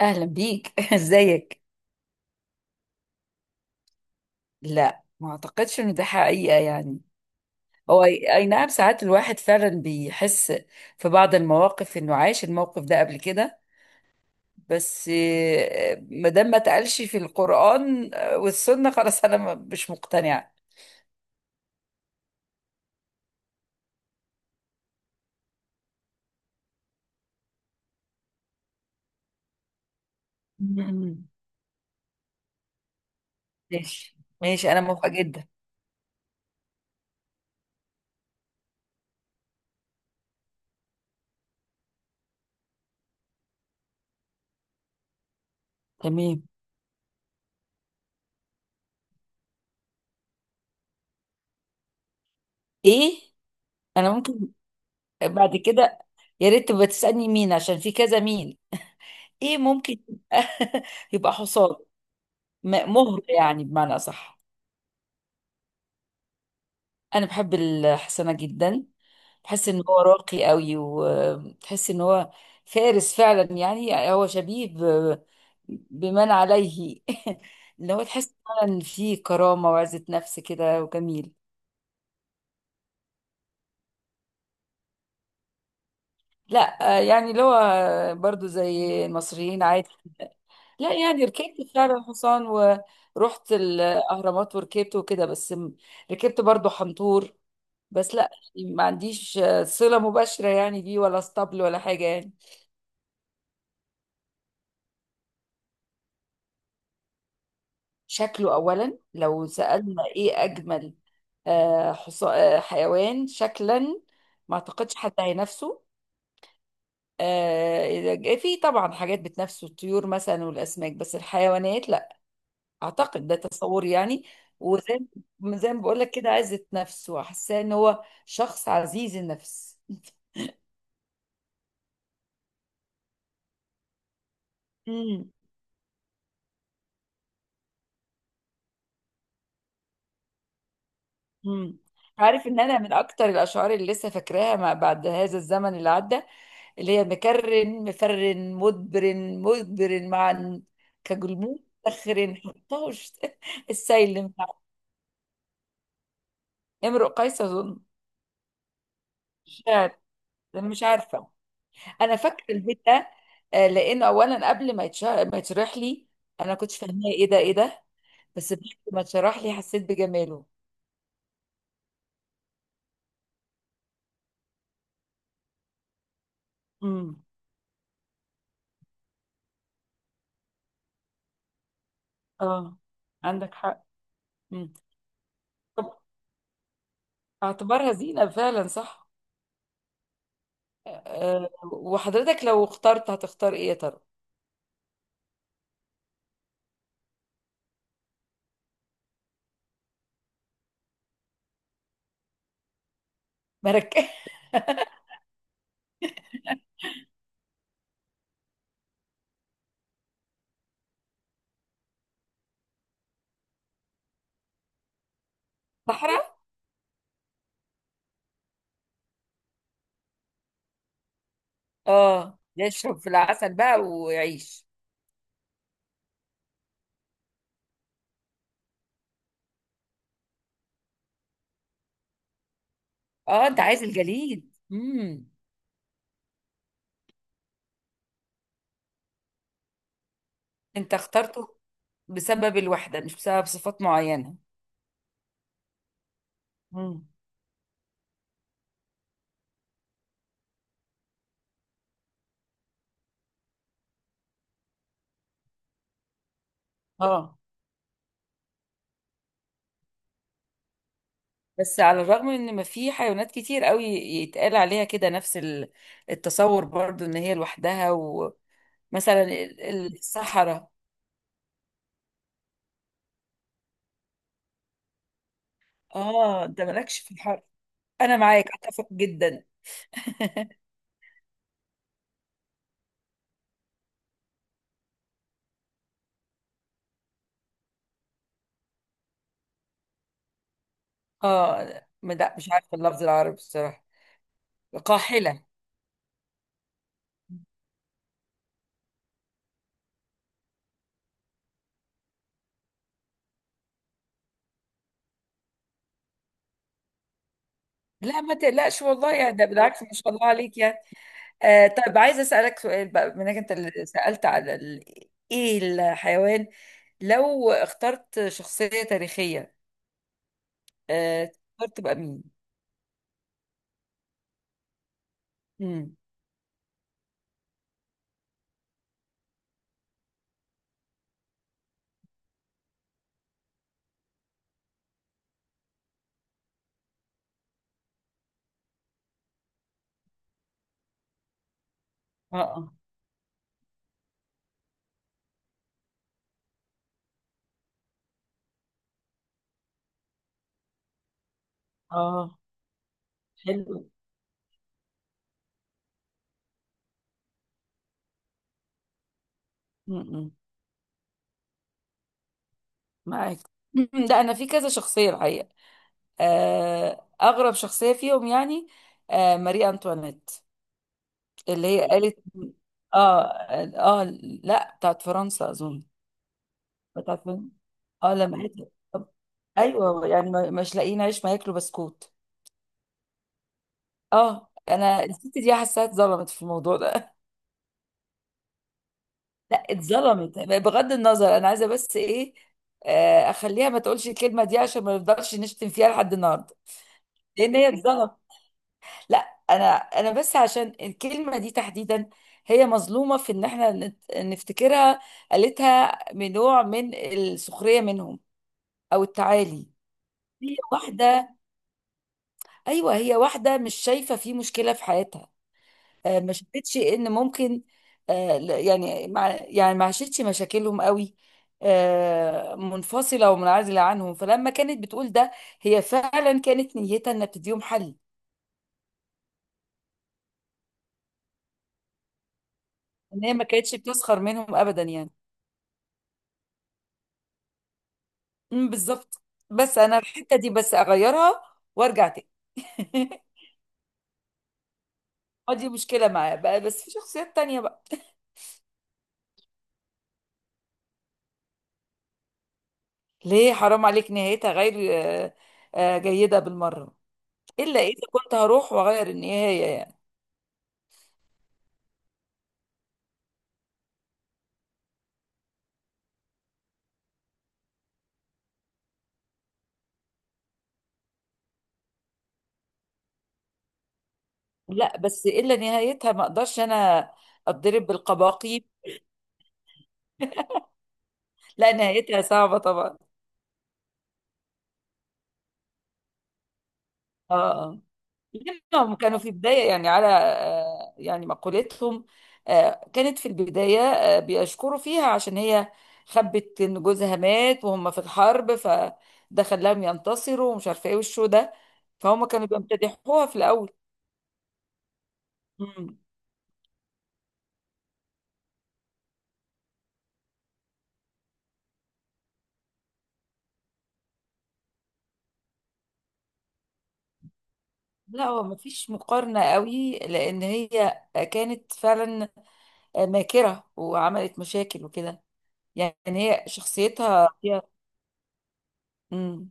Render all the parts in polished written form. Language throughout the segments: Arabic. اهلا بيك. ازيك؟ لا، ما اعتقدش ان ده حقيقة يعني. هو اي أي نعم، ساعات الواحد فعلا بيحس في بعض المواقف انه عاش الموقف ده قبل كده. بس ما دام ما اتقالش في القرآن والسنة، خلاص انا مش مقتنعة. مم. ماشي ماشي، انا موافقة جدا. تمام. ايه. انا ممكن بعد كده يا ريت تبقى تسألني مين، عشان في كذا مين. ايه، ممكن يبقى يبقى حصان. مهر يعني، بمعنى صح. انا بحب الحسنة جدا، بحس ان هو راقي قوي وتحس ان هو فارس فعلا، يعني هو شبيه بمن عليه. اللي هو تحس فعلا فيه كرامة وعزة نفس كده، وجميل. لا يعني اللي هو برضو زي المصريين عادي. لا، يعني ركبت فعلا حصان ورحت الأهرامات وركبت وكده، بس ركبت برضو حنطور. بس لا، يعني ما عنديش صلة مباشرة يعني بيه ولا اسطبل ولا حاجة يعني. شكله أولا، لو سألنا إيه أجمل، حيوان شكلا ما أعتقدش حد هينافسه. آه، في طبعا حاجات بتنافسه، الطيور مثلا والأسماك، بس الحيوانات لا. أعتقد ده تصوري يعني. وزي ما- زي ما بقول لك كده، عزة نفسه، حاساه إن هو شخص عزيز النفس. مم. مم. عارف ان انا من اكتر الاشعار اللي لسه فاكراها ما بعد هذا الزمن اللي عدى، اللي هي: مكرن مفرن مدبر مدبر معا كجلموس مسخر حطاه السيل مع. امرؤ قيس اظن. مش عارف- مش عارفه. انا فاكره البيت ده لانه اولا قبل ما يتشرح لي انا كنتش فاهماه، ايه ده ايه ده. بس بعد ما اتشرح لي حسيت بجماله. امم. اه، عندك حق. امم. طب اعتبرها زينه فعلا، صح؟ أه، وحضرتك لو اخترت هتختار ايه يا ترى؟ مركز. صحراء. اه، يشرب في العسل بقى ويعيش. اه، انت عايز الجليد. امم. انت اخترته بسبب الوحدة، مش بسبب صفات معينة. امم. اه، بس على الرغم من ان ما في حيوانات كتير قوي يتقال عليها كده نفس التصور، برضو ان هي لوحدها، ومثلا الصحراء. اه، انت مالكش في الحر، انا معاك اتفق جدا. اه لا، مش عارفه اللفظ العربي بصراحه. قاحلة. لا، ما تقلقش، والله يا ده بالعكس، ما شاء الله عليك يعني. آه طيب، عايزة أسألك سؤال بقى منك أنت اللي سألت على ال... إيه الحيوان، لو اخترت شخصية تاريخية آه تختار تبقى مين؟ مم. اه اه. آه، حلو. مم. معاك. مم. لا، أنا في كذا شخصية الحقيقة. أغرب شخصية فيهم يعني ماري أنطوانيت، اللي هي قالت. آه آه. لا، بتاعت فرنسا أظن. بتاعت فن- اه، لما حته، ايوه، يعني مش لاقيين عيش ما ياكلوا بسكوت. اه، انا الست دي حاساها اتظلمت في الموضوع ده. لا، اتظلمت بغض النظر، انا عايزه بس ايه، اخليها ما تقولش الكلمه دي، عشان ما نفضلش نشتم فيها لحد النهارده. لان هي اتظلمت. لا. انا بس عشان الكلمه دي تحديدا، هي مظلومه في ان احنا نفتكرها قالتها من نوع من السخريه منهم، او التعالي. هي واحده، ايوه، هي واحده مش شايفه في مشكله في حياتها، ما شافتش ان ممكن يعني مع يعني ما عاشتش مشاكلهم قوي، منفصله ومنعزله عنهم، فلما كانت بتقول ده هي فعلا كانت نيتها انها بتديهم حل. ان هي ما كانتش بتسخر منهم ابدا يعني. أمم، بالظبط. بس انا الحته دي بس اغيرها، وارجع تاني. دي مشكله معايا بقى، بس في شخصيات تانية بقى. ليه، حرام عليك، نهايتها غير جيده بالمره، الا اذا كنت هروح واغير النهايه يعني. لا، بس الا نهايتها، ما اقدرش انا اتضرب بالقباقيب. لا، نهايتها صعبه طبعا. اه آه. لانهم كانوا في بدايه يعني، على يعني مقولتهم، كانت في البدايه بيشكروا فيها، عشان هي خبت ان جوزها مات وهم في الحرب، فده خلاهم ينتصروا ومش عارفه ايه والشو ده. فهم كانوا بيمتدحوها في الاول. مم. لا، هو مفيش مقارنة قوي، لأن هي كانت فعلا ماكرة وعملت مشاكل وكده، يعني هي شخصيتها فيها. مم.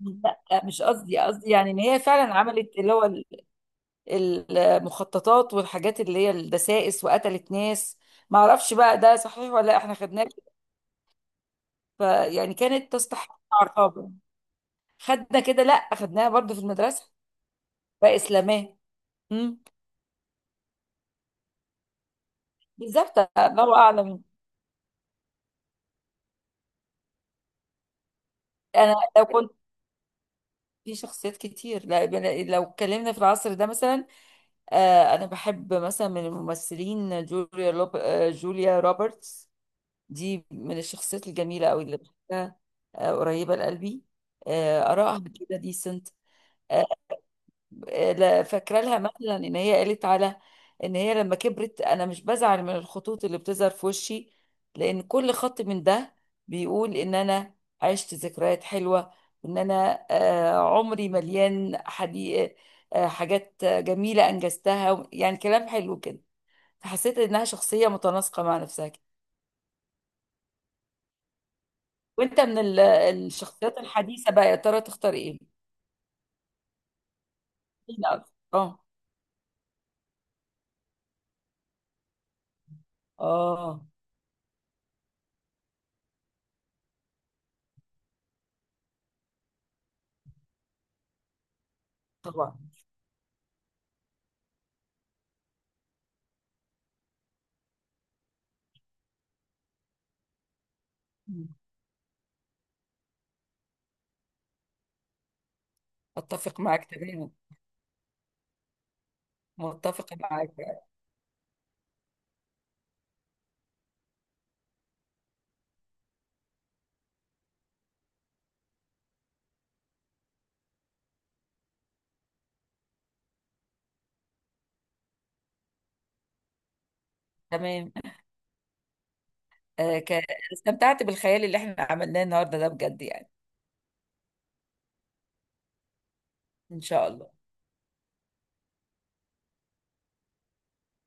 لا، مش قصدي، قصدي يعني ان هي فعلا عملت اللي هو المخططات والحاجات اللي هي الدسائس، وقتلت ناس. ما اعرفش بقى ده صحيح ولا لا، احنا خدناه كده. فيعني كانت تستحق عقابا. خدنا كده، لا خدناها برضو في المدرسة. بقى اسلاماه. مم. بالظبط، الله اعلم. انا لو كنت، في شخصيات كتير، لو اتكلمنا في العصر ده مثلا، انا بحب مثلا من الممثلين جوليا لوب... آه، جوليا روبرتس. دي من الشخصيات الجميله قوي اللي بحبها، قريبه لقلبي، ارائها كده ديسنت. فاكره لها مثلا ان هي قالت على ان هي لما كبرت: انا مش بزعل من الخطوط اللي بتظهر في وشي، لان كل خط من ده بيقول ان انا عشت ذكريات حلوه، وان انا عمري مليان حديقة، حاجات جميله انجزتها، يعني كلام حلو كده. فحسيت انها شخصيه متناسقه مع نفسها كده. وانت من الشخصيات الحديثه بقى، يا ترى تختار ايه؟ مين أكتر؟ اه اه. طبعا. اتفق معاك تماما. متفقة معاك يعني. تمام. آه، ك- استمتعت بالخيال اللي احنا عملناه النهاردة ده بجد يعني. إن شاء الله.